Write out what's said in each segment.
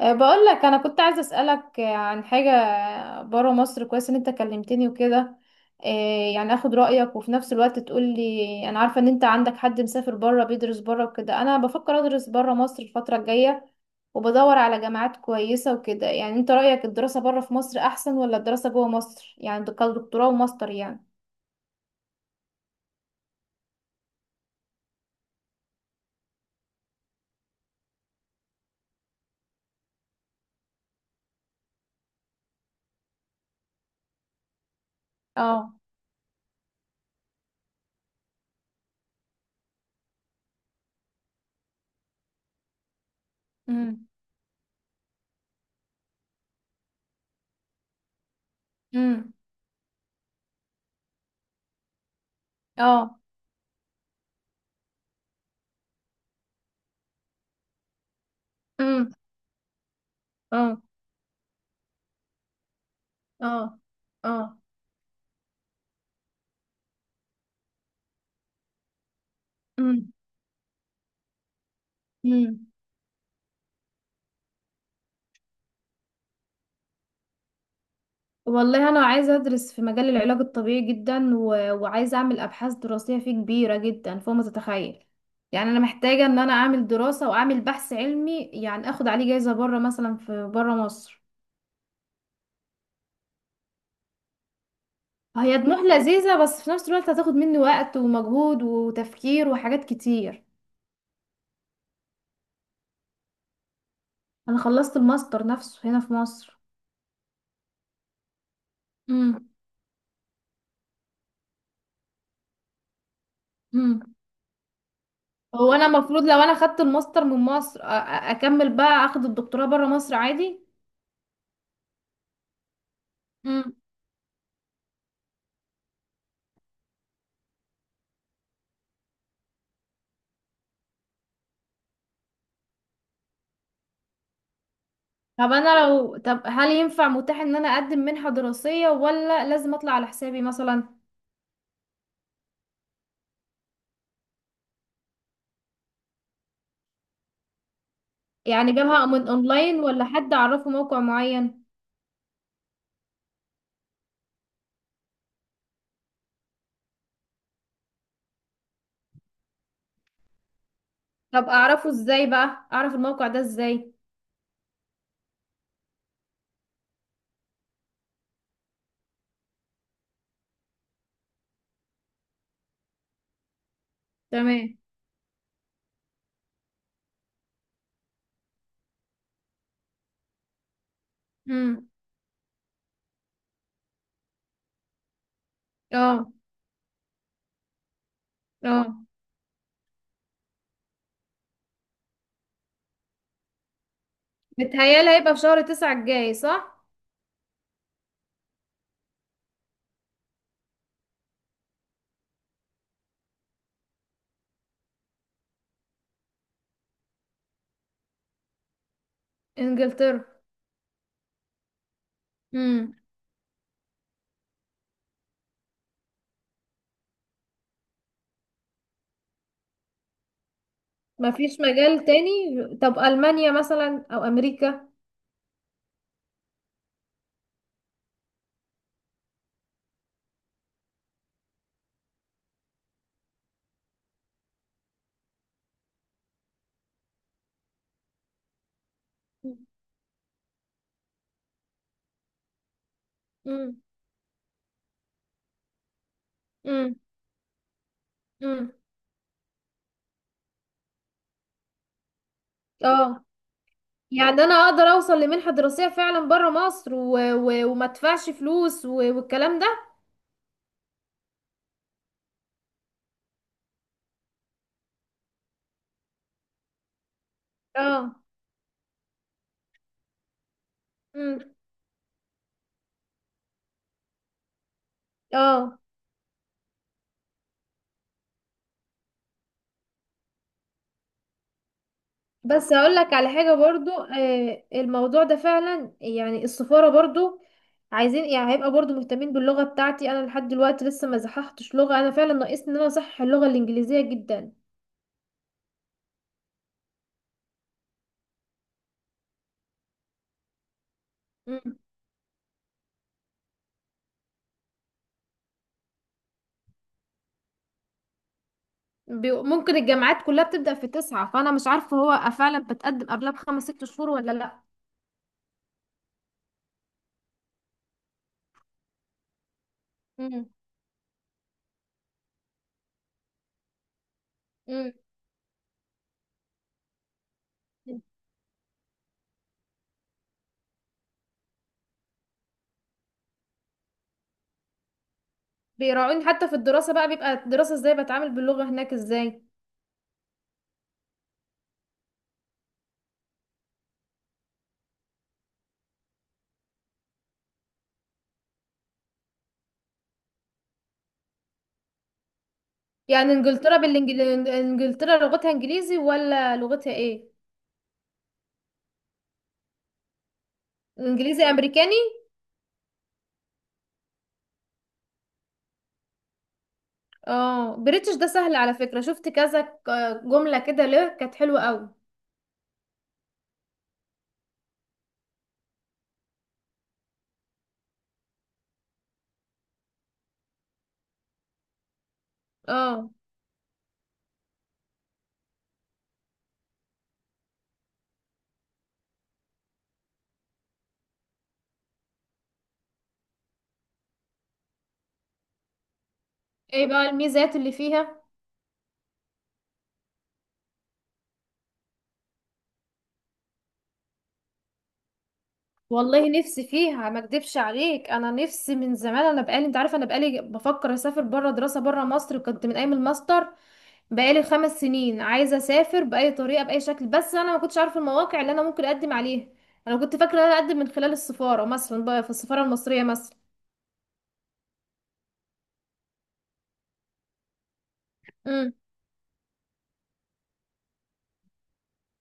بقول لك انا كنت عايزه اسالك عن حاجه بره مصر. كويس ان انت كلمتني وكده. يعني اخد رايك، وفي نفس الوقت تقول لي، انا عارفه ان انت عندك حد مسافر بره بيدرس بره وكده. انا بفكر ادرس بره مصر الفتره الجايه، وبدور على جامعات كويسه وكده. يعني انت رايك الدراسه بره في مصر احسن ولا الدراسه جوه مصر؟ يعني ده كدكتوراه وماستر يعني. اه. امم. امم. اه. امم. اه. اه. اه. امم. والله انا عايزه ادرس في مجال العلاج الطبيعي جدا، وعايزه اعمل ابحاث دراسيه فيه كبيره جدا فوق ما تتخيل. يعني انا محتاجه ان انا اعمل دراسه واعمل بحث علمي، يعني اخد عليه جايزه بره، مثلا في بره مصر. هي طموح لذيذه، بس في نفس الوقت هتاخد مني وقت ومجهود وتفكير وحاجات كتير. انا خلصت الماستر نفسه هنا في مصر. امم. امم. هو انا المفروض لو انا خدت الماستر من مصر اكمل بقى اخد الدكتوراه بره مصر عادي. طب انا لو طب هل ينفع متاح ان انا اقدم منحة دراسية، ولا لازم اطلع على حسابي مثلا؟ يعني جابها من اونلاين، ولا حد اعرفه موقع معين؟ طب اعرفه ازاي بقى، اعرف الموقع ده ازاي؟ تمام. امم. اه. اه. بتهيالي هيبقى في شهر تسعة الجاي، صح؟ انجلترا. امم. مفيش مجال تاني؟ طب المانيا مثلا او امريكا؟ امم. امم. امم. اه. يعني انا اقدر اوصل لمنحة دراسية فعلا بره مصر، وما ادفعش فلوس والكلام ده؟ اه. امم. اه. بس هقول لك على حاجة برضو، الموضوع ده فعلا يعني السفارة برضو عايزين، يعني هيبقى برضو مهتمين باللغة بتاعتي. انا لحد دلوقتي لسه ما صححتش لغة، انا فعلا ناقصني ان انا اصحح اللغة الانجليزية جدا. مم. ممكن الجامعات كلها بتبدأ في تسعة، فانا مش عارفة هو فعلا بتقدم قبلها بخمس ست شهور ولا لا. مم. مم. بيراعوني حتى في الدراسة بقى؟ بيبقى الدراسة ازاي؟ بتعامل باللغة هناك ازاي؟ يعني انجلترا بالانجل، انجلترا لغتها انجليزي ولا لغتها ايه؟ انجليزي امريكاني؟ اه، بريتش ده سهل على فكرة، شفت كذا جملة كده له كانت حلوة قوي. اه. ايه بقى الميزات اللي فيها؟ والله نفسي فيها، ما اكدبش عليك، انا نفسي من زمان، انا بقالي انت عارفه، انا بقالي بفكر اسافر بره دراسه بره مصر، وكنت من ايام الماستر بقالي 5 سنين عايزه اسافر باي طريقه باي شكل. بس انا ما كنتش عارفه المواقع اللي انا ممكن اقدم عليها. انا كنت فاكره ان انا اقدم من خلال السفاره، مثلا بقى في السفاره المصريه مثلا. امم.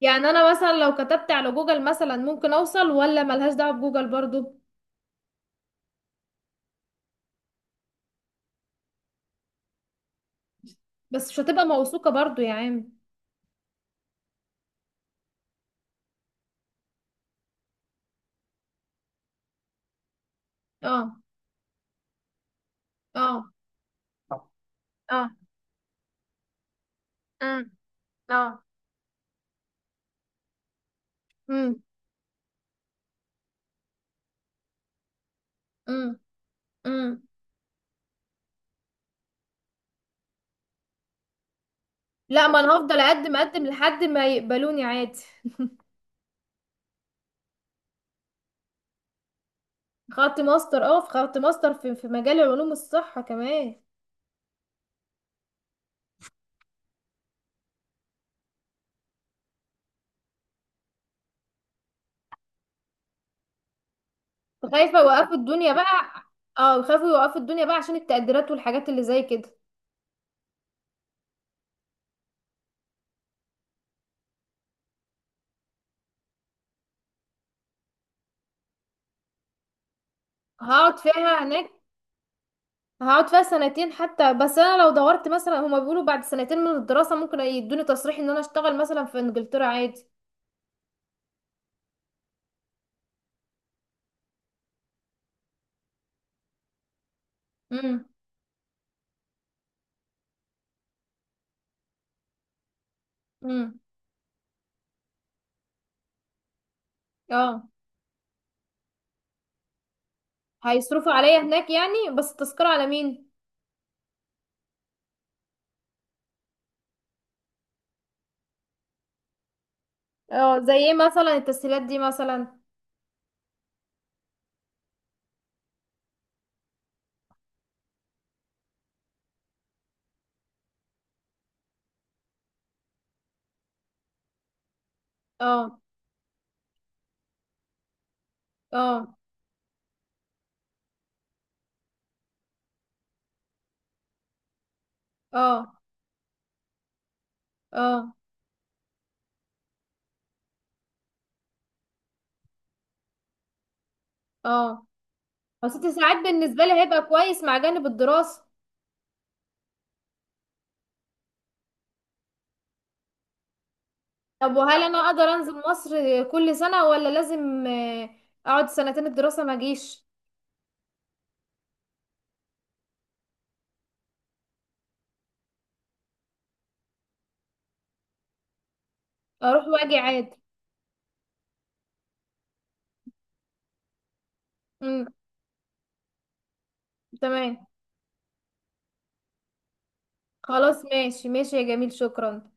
يعني انا مثلا لو كتبت على جوجل مثلا ممكن اوصل، ولا ملهاش دعوه بجوجل برضو؟ بس مش هتبقى موثوقه برضو يا عم. اه. اه. اه. امم. اه. امم. امم. امم. لا، ما انا هفضل اقدم لحد ما يقبلوني عادي. خدت ماستر، اه، في خدت ماستر في مجال علوم الصحه كمان. خايفة يوقفوا الدنيا بقى. اه، خايفوا يوقفوا الدنيا بقى عشان التقديرات والحاجات اللي زي كده. هقعد فيها هناك، هقعد فيها سنتين حتى. بس انا لو دورت مثلا، هما بيقولوا بعد سنتين من الدراسة ممكن يدوني تصريح ان انا اشتغل مثلا في انجلترا عادي. امم. امم. اه. هيصرفوا عليا هناك يعني، بس التذكرة على مين؟ اه، زي ايه مثلا التسهيلات دي مثلا؟ اه. اه. اه. اه. اه. بس 6 ساعات بالنسبة لي هيبقى كويس مع جانب الدراسة. طب وهل انا اقدر انزل مصر كل سنة، ولا لازم اقعد سنتين الدراسة ما اجيش؟ اروح واجي عادي. امم. تمام. خلاص ماشي ماشي يا جميل، شكرا.